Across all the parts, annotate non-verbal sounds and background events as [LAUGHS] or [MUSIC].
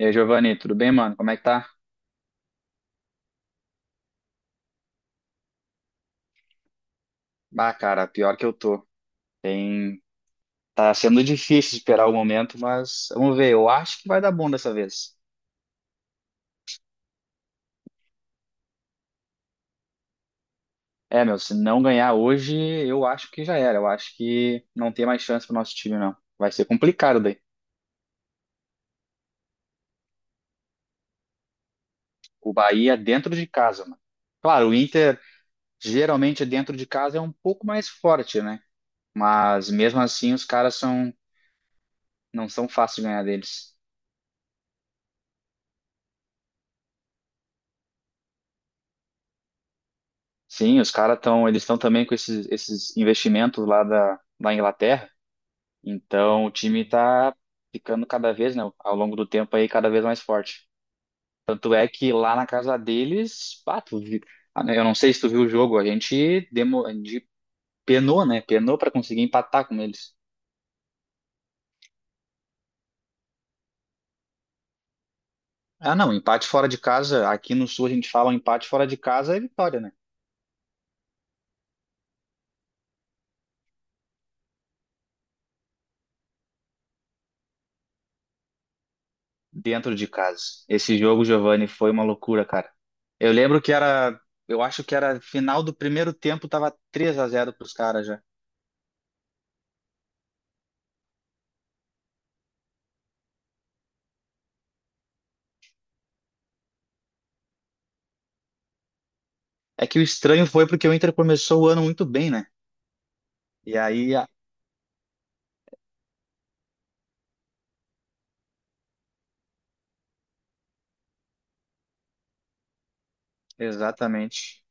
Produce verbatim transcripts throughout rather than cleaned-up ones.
E aí, Giovanni, tudo bem, mano? Como é que tá? Ah, cara, pior que eu tô. Tem... Tá sendo difícil esperar o momento, mas vamos ver. Eu acho que vai dar bom dessa vez. É, meu, se não ganhar hoje, eu acho que já era. Eu acho que não tem mais chance pro nosso time, não. Vai ser complicado daí. O Bahia é dentro de casa, mano. Claro, o Inter geralmente dentro de casa é um pouco mais forte, né? Mas mesmo assim, os caras são... não são fáceis de ganhar deles. Sim, os caras estão, eles estão também com esses, esses investimentos lá da, da Inglaterra. Então o time tá ficando cada vez, né, ao longo do tempo aí cada vez mais forte. Tanto é que lá na casa deles, pá, tu vi- ah, né, eu não sei se tu viu o jogo, a gente demo, a gente penou, né? Penou para conseguir empatar com eles. Ah, não, empate fora de casa, aqui no Sul a gente fala empate fora de casa é vitória, né? Dentro de casa. Esse jogo, Giovanni, foi uma loucura, cara. Eu lembro que era, eu acho que era final do primeiro tempo, tava três a zero pros caras já. É que o estranho foi porque o Inter começou o ano muito bem, né? E aí, a- exatamente.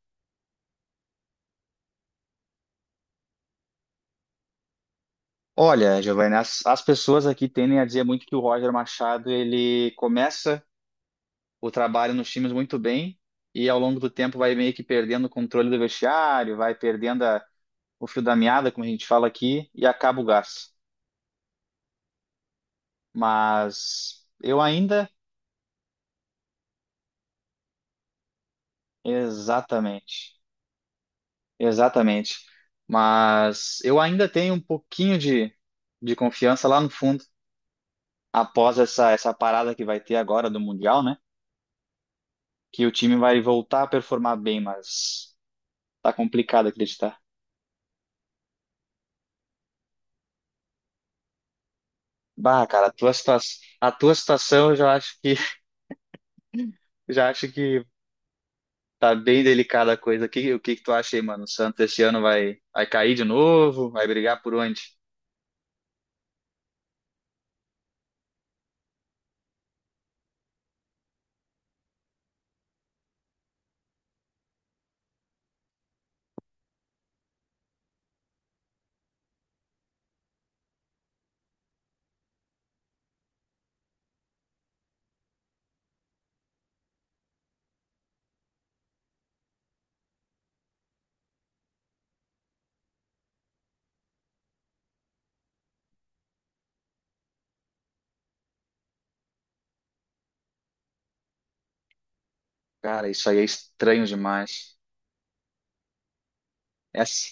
Olha, Giovanni, as, as pessoas aqui tendem a dizer muito que o Roger Machado, ele começa o trabalho nos times muito bem e ao longo do tempo vai meio que perdendo o controle do vestiário, vai perdendo a- o fio da meada, como a gente fala aqui, e acaba o gás. Mas eu ainda, exatamente, exatamente. Mas eu ainda tenho um pouquinho de, de confiança lá no fundo, após essa, essa parada que vai ter agora do Mundial, né? Que o time vai voltar a performar bem, mas tá complicado acreditar. Bah, cara, a tua, situa- a tua situação eu já acho que [LAUGHS] já acho que tá bem delicada a coisa. O que, o que que tu acha aí, mano? O Santos esse ano vai, vai cair de novo? Vai brigar por onde? Cara, isso aí é estranho demais. Essa,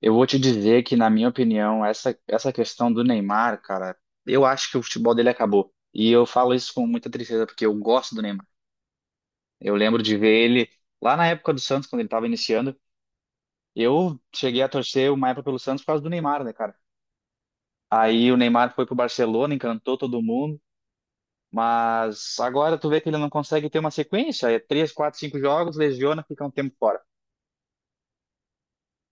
eu vou te dizer que, na minha opinião, essa, essa questão do Neymar, cara, eu acho que o futebol dele acabou. E eu falo isso com muita tristeza, porque eu gosto do Neymar. Eu lembro de ver ele lá na época do Santos, quando ele estava iniciando. Eu cheguei a torcer uma época pelo Santos por causa do Neymar, né, cara? Aí o Neymar foi pro Barcelona, encantou todo mundo, mas agora tu vê que ele não consegue ter uma sequência, é três, quatro, cinco jogos, lesiona, fica um tempo fora.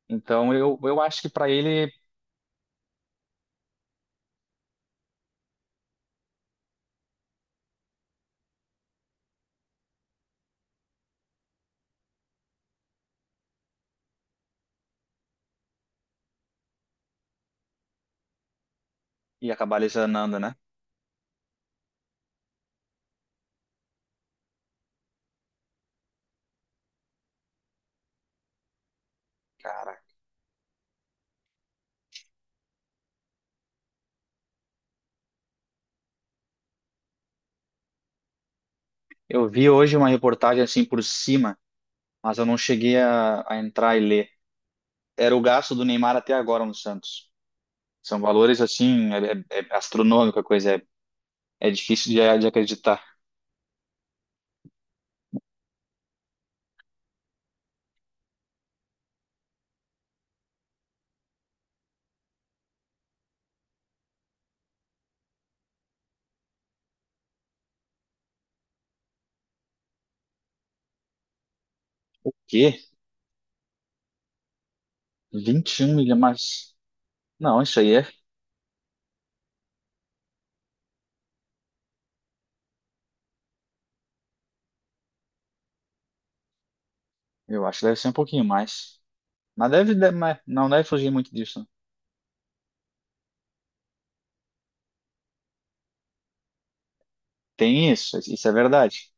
Então eu, eu acho que pra ele ia acabar lesionando, né? Eu vi hoje uma reportagem assim por cima, mas eu não cheguei a, a entrar e ler. Era o gasto do Neymar até agora no Santos. São valores assim, é, é- é astronômica a coisa, é, é difícil de, de acreditar. Que? Vinte e um milhões, mas não, isso aí é, eu acho que deve ser um pouquinho mais. Mas deve, deve- mas não deve fugir muito disso. Tem isso, isso é verdade.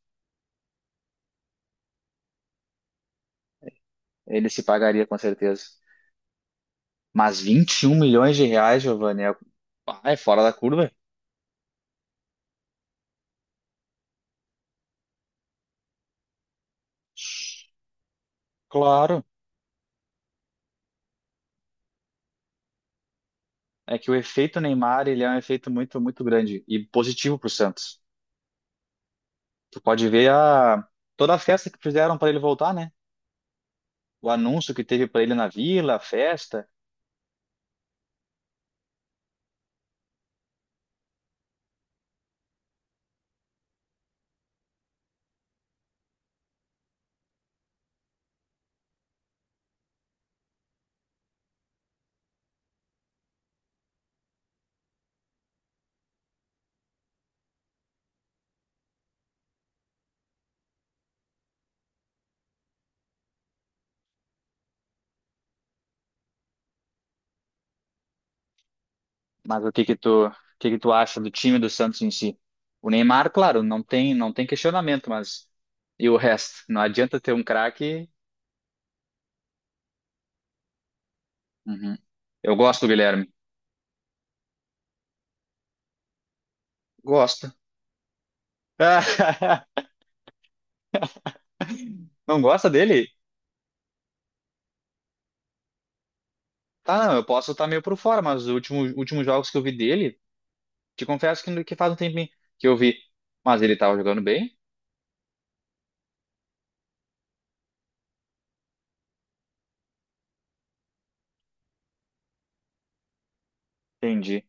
Ele se pagaria com certeza. Mas vinte e um milhões de reais, Giovanni, é, ah, é fora da curva? Claro. É que o efeito Neymar, ele é um efeito muito, muito grande e positivo para o Santos. Tu pode ver a toda a festa que fizeram para ele voltar, né? O anúncio que teve para ele na Vila, a festa. Mas o que que tu, o que que tu acha do time do Santos em si? O Neymar, claro, não tem, não tem questionamento, mas e o resto? Não adianta ter um craque. Uhum. Eu gosto do Guilherme. Gosto. [LAUGHS] Não gosta dele? Tá, não, eu posso estar meio por fora, mas os últimos, últimos jogos que eu vi dele. Te confesso que, que faz um tempinho que eu vi, mas ele tava jogando bem? Entendi,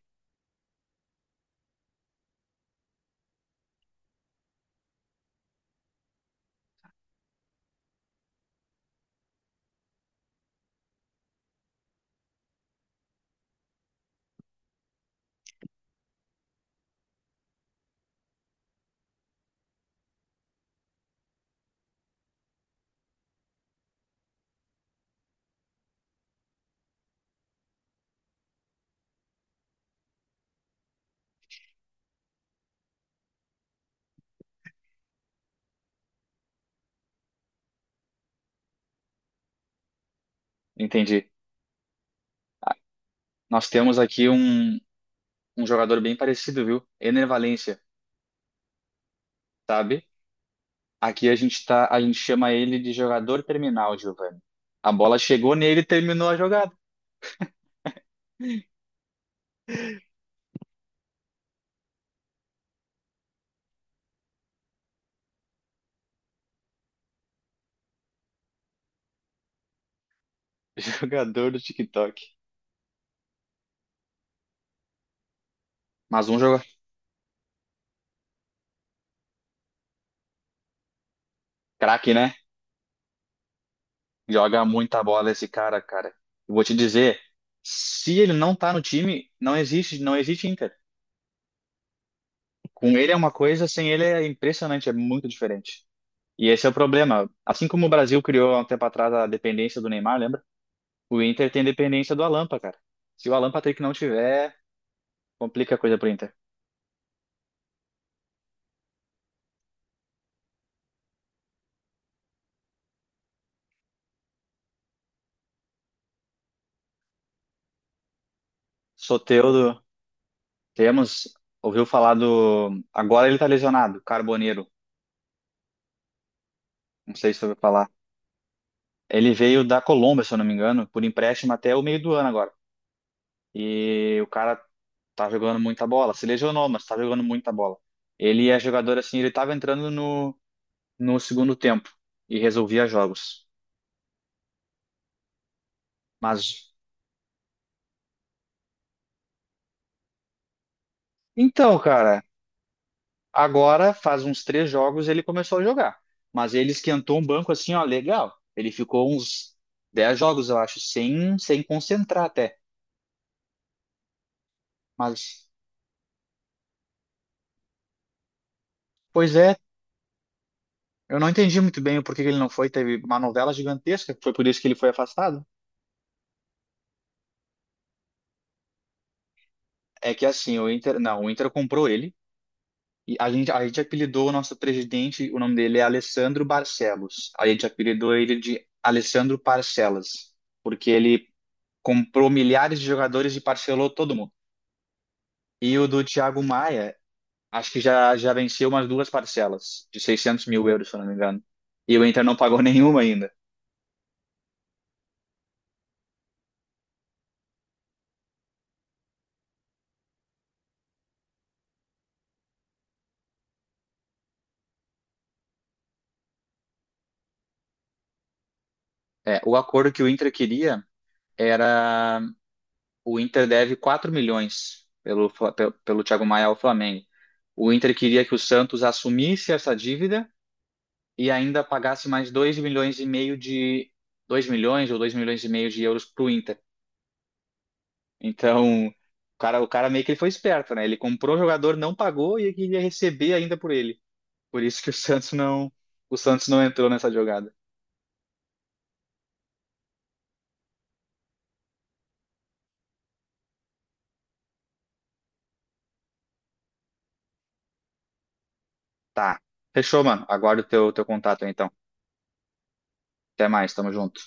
entendi. Nós temos aqui um, um jogador bem parecido, viu? Ener Valencia, sabe? Aqui a gente tá, a gente chama ele de jogador terminal, Giovanni. A bola chegou nele e terminou a jogada. [LAUGHS] Jogador do TikTok. Mas um jogador, craque, né? Joga muita bola esse cara, cara. Eu vou te dizer, se ele não tá no time, não existe, não existe Inter. Com ele é uma coisa, sem ele é impressionante, é muito diferente. E esse é o problema. Assim como o Brasil criou há um tempo atrás a dependência do Neymar, lembra? O Inter tem dependência do Alan Patrick, cara. Se o Alan Patrick não tiver, complica a coisa pro Inter. Soteldo, temos. Ouviu falar do. Agora ele tá lesionado, Carboneiro. Não sei se você ouviu falar. Ele veio da Colômbia, se eu não me engano, por empréstimo até o meio do ano agora. E o cara tá jogando muita bola. Se lesionou, mas tá jogando muita bola. Ele é jogador assim, ele tava entrando no, no segundo tempo e resolvia jogos. Mas Então, cara, agora faz uns três jogos ele começou a jogar. Mas ele esquentou um banco assim, ó, legal. Ele ficou uns dez jogos, eu acho, sem, sem concentrar até. Mas, pois é, eu não entendi muito bem o porquê que ele não foi. Teve uma novela gigantesca, foi por isso que ele foi afastado. É que assim, o Inter, não, o Inter comprou ele. E a gente, a gente apelidou o nosso presidente, o nome dele é Alessandro Barcelos. A gente apelidou ele de Alessandro Parcelas, porque ele comprou milhares de jogadores e parcelou todo mundo. E o do Thiago Maia, acho que já, já venceu umas duas parcelas de seiscentos mil euros, se eu não me engano. E o Inter não pagou [LAUGHS] nenhuma ainda. É, o acordo que o Inter queria era... O Inter deve quatro milhões pelo, Fla- pe- pelo Thiago Maia ao Flamengo. O Inter queria que o Santos assumisse essa dívida e ainda pagasse mais dois milhões e meio de... dois milhões ou dois milhões e meio de euros para o Inter. Então, o cara, o cara meio que ele foi esperto, né? Ele comprou o jogador, não pagou e queria receber ainda por ele. Por isso que o Santos não, o Santos não entrou nessa jogada. Tá. Fechou, mano. Aguardo o teu, teu contato aí, então. Até mais, tamo junto.